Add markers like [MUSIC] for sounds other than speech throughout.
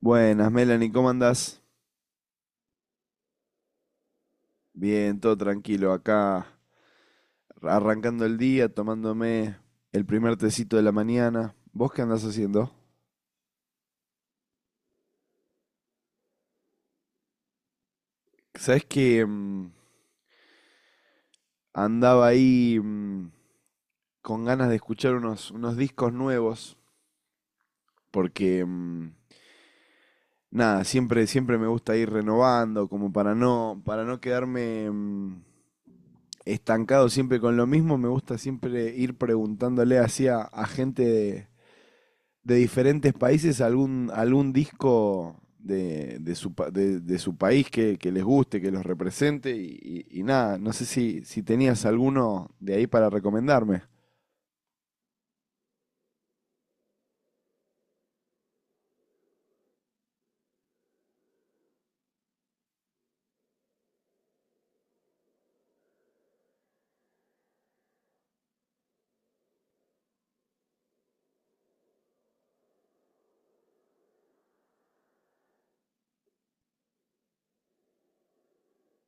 Buenas, Melanie, ¿cómo andás? Bien, todo tranquilo, acá arrancando el día, tomándome el primer tecito de la mañana. ¿Vos qué andás haciendo? Sabés que andaba ahí con ganas de escuchar unos discos nuevos, porque nada, siempre me gusta ir renovando, como para para no quedarme estancado siempre con lo mismo, me gusta siempre ir preguntándole así a gente de diferentes países algún disco de su, de su país que les guste, que los represente y, y nada, no sé si tenías alguno de ahí para recomendarme.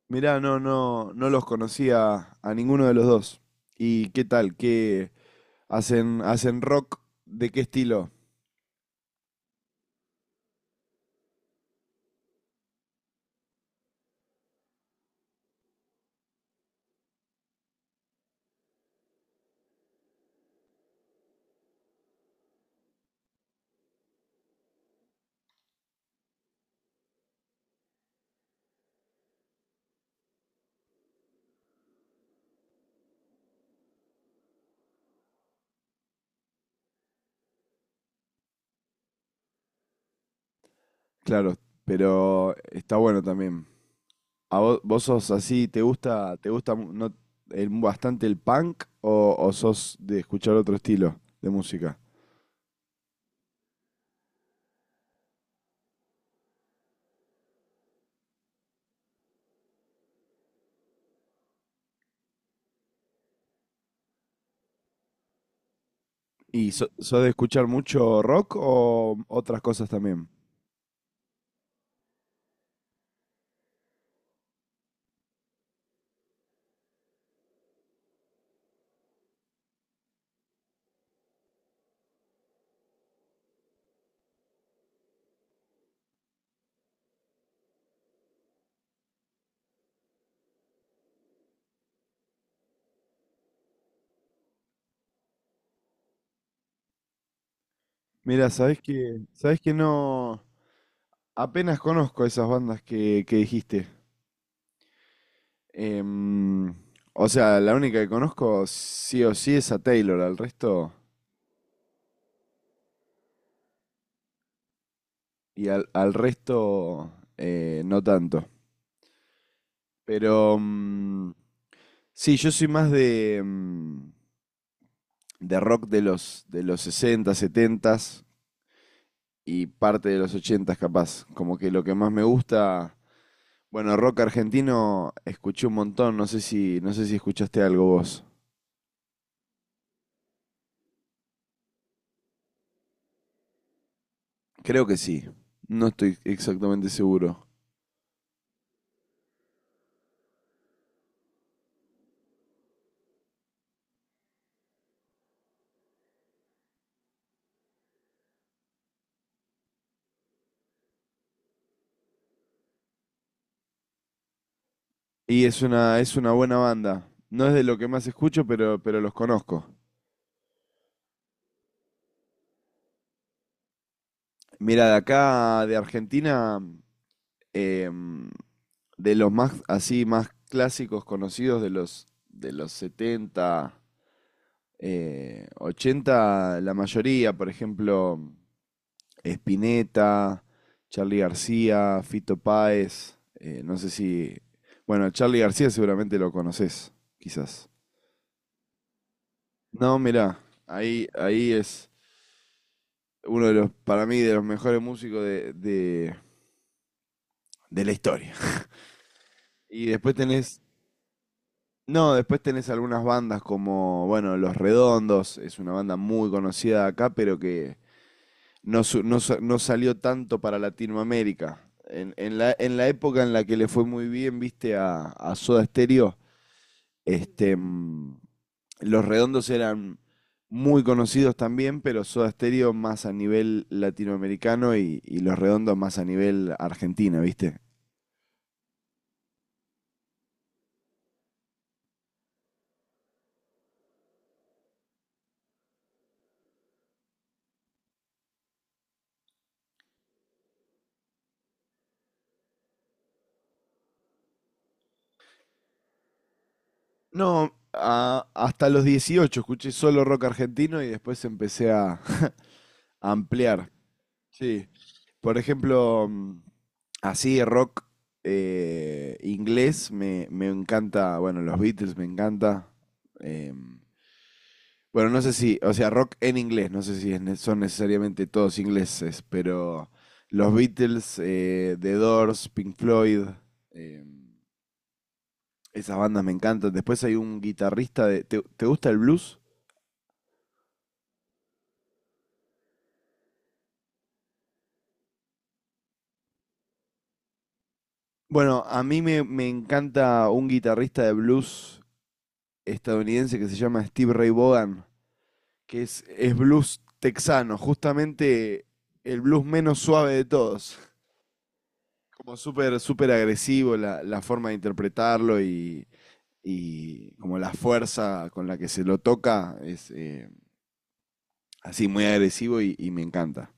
Mirá, no los conocía a ninguno de los dos. ¿Y qué tal? ¿Qué hacen rock? ¿De qué estilo? Claro, pero está bueno también. ¿A vos, vos sos así, te gusta bastante el punk o sos de escuchar otro estilo de música? ¿Y sos de escuchar mucho rock o otras cosas también? Mira, sabés que no, apenas conozco esas bandas que dijiste. Em, o sea, la única que conozco sí o sí es a Taylor, al resto, y al resto no tanto. Pero sí, yo soy más de, de rock de los 60, 70 y parte de los 80 capaz. Como que lo que más me gusta... Bueno, rock argentino escuché un montón, no sé no sé si escuchaste algo vos. Creo que sí, no estoy exactamente seguro. Y es una buena banda. No es de lo que más escucho, pero los conozco. Mira, de acá, de Argentina, em, de los más así, más clásicos conocidos de los 70, 80, la mayoría, por ejemplo, Spinetta, Charlie García, Fito Páez, no sé si... Bueno, Charlie García seguramente lo conoces, quizás. No, mirá, ahí es uno de los, para mí, de los mejores músicos de la historia. Y después tenés, no, después tenés algunas bandas como, bueno, Los Redondos, es una banda muy conocida acá, pero que no, no salió tanto para Latinoamérica. En la época en la que le fue muy bien, viste, a Soda Stereo, este, Los Redondos eran muy conocidos también, pero Soda Stereo más a nivel latinoamericano y Los Redondos más a nivel argentina, viste. No, hasta los 18 escuché solo rock argentino y después empecé a [LAUGHS] a ampliar. Sí. Por ejemplo, así rock inglés me encanta, bueno, los Beatles me encanta. em, bueno, no sé si, o sea, rock en inglés, no sé si es son necesariamente todos ingleses, pero los Beatles, The Doors, Pink Floyd, em, esas bandas me encantan. Después hay un guitarrista de... te gusta el blues? Bueno, a mí me encanta un guitarrista de blues estadounidense que se llama Steve Ray Vaughan, que es blues texano, justamente el blues menos suave de todos. Como súper agresivo la forma de interpretarlo y como la fuerza con la que se lo toca es así muy agresivo y me encanta.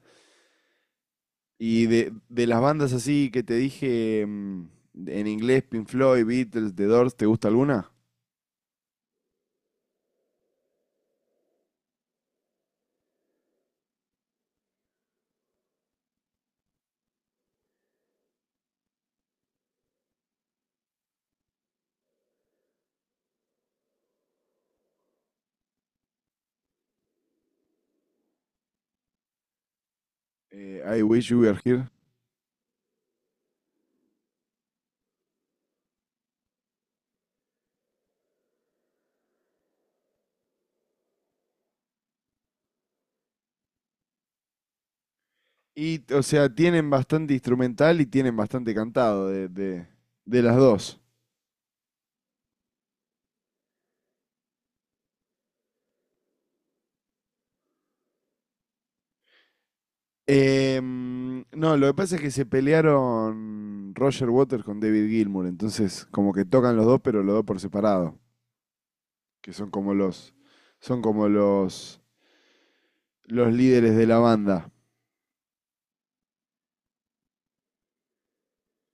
Y de las bandas así que te dije en inglés, Pink Floyd, Beatles, The Doors, ¿te gusta alguna? I Wish You Were Here. Y, o sea, tienen bastante instrumental y tienen bastante cantado de las dos. No, lo que pasa es que se pelearon Roger Waters con David Gilmour, entonces como que tocan los dos, pero los dos por separado, que son como los líderes de la banda.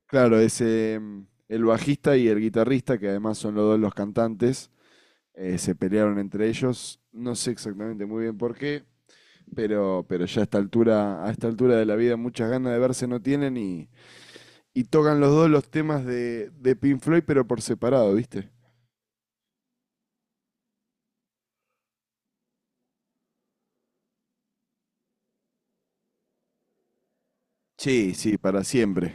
Claro, ese el bajista y el guitarrista, que además son los dos los cantantes, se pelearon entre ellos. No sé exactamente muy bien por qué, pero ya a esta altura de la vida, muchas ganas de verse no tienen y tocan los dos los temas de Pink Floyd, pero por separado, ¿viste? Sí, sí, para siempre.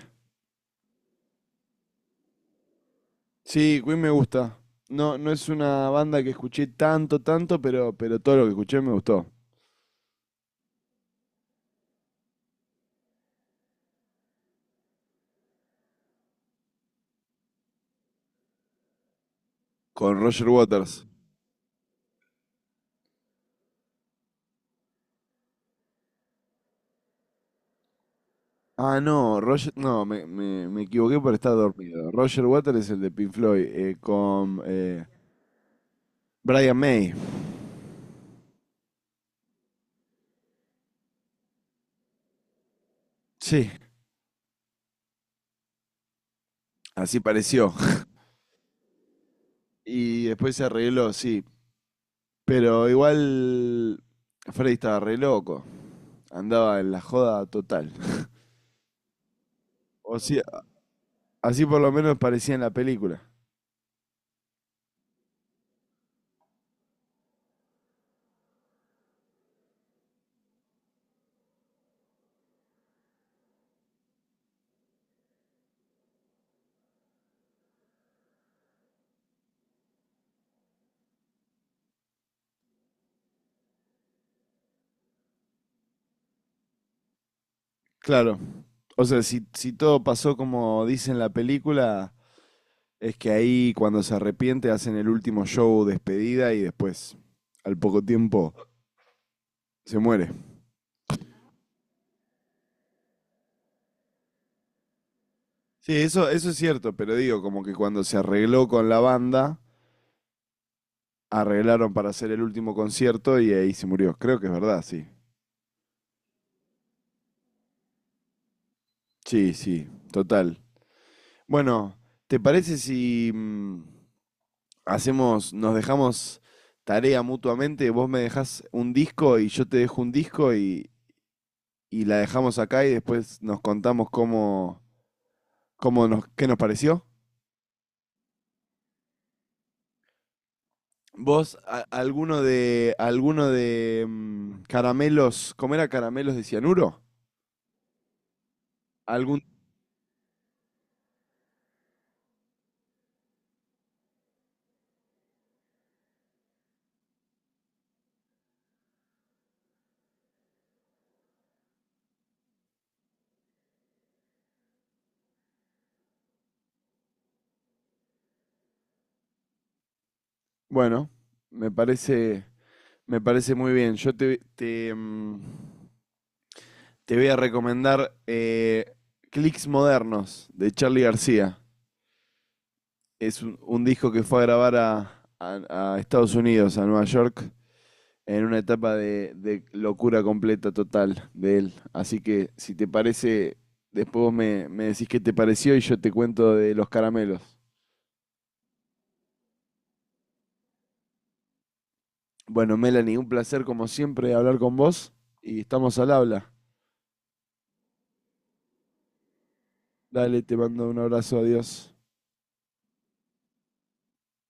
Sí, Queen me gusta. No, no es una banda que escuché tanto, pero todo lo que escuché me gustó. Con Roger Waters. Ah, no, Roger, no, me equivoqué por estar dormido. Roger Waters es el de Pink Floyd, con Brian May. Sí, así pareció. [LAUGHS] Y después se arregló, sí. Pero igual Freddy estaba re loco. Andaba en la joda total. [LAUGHS] O sea, así por lo menos parecía en la película. Claro. O sea, si todo pasó como dice en la película, es que ahí cuando se arrepiente hacen el último show despedida y después, al poco tiempo, se muere. Sí, eso es cierto, pero digo, como que cuando se arregló con la banda, arreglaron para hacer el último concierto y ahí se murió. Creo que es verdad, sí. Sí, sí, total. Bueno, ¿te parece si hacemos, nos dejamos tarea mutuamente? Vos me dejás un disco y yo te dejo un disco y la dejamos acá y después nos contamos cómo, cómo nos, qué nos pareció. ¿Vos, alguno de caramelos, cómo era caramelos de cianuro? Algún, bueno, me parece, me parece muy bien. Yo te, te voy a recomendar Clicks Modernos de Charlie García. Es un disco que fue a grabar a Estados Unidos, a Nueva York, en una etapa de locura completa, total, de él. Así que, si te parece, después vos me decís qué te pareció y yo te cuento de los caramelos. Bueno, Melanie, un placer como siempre hablar con vos y estamos al habla. Dale, te mando un abrazo, adiós.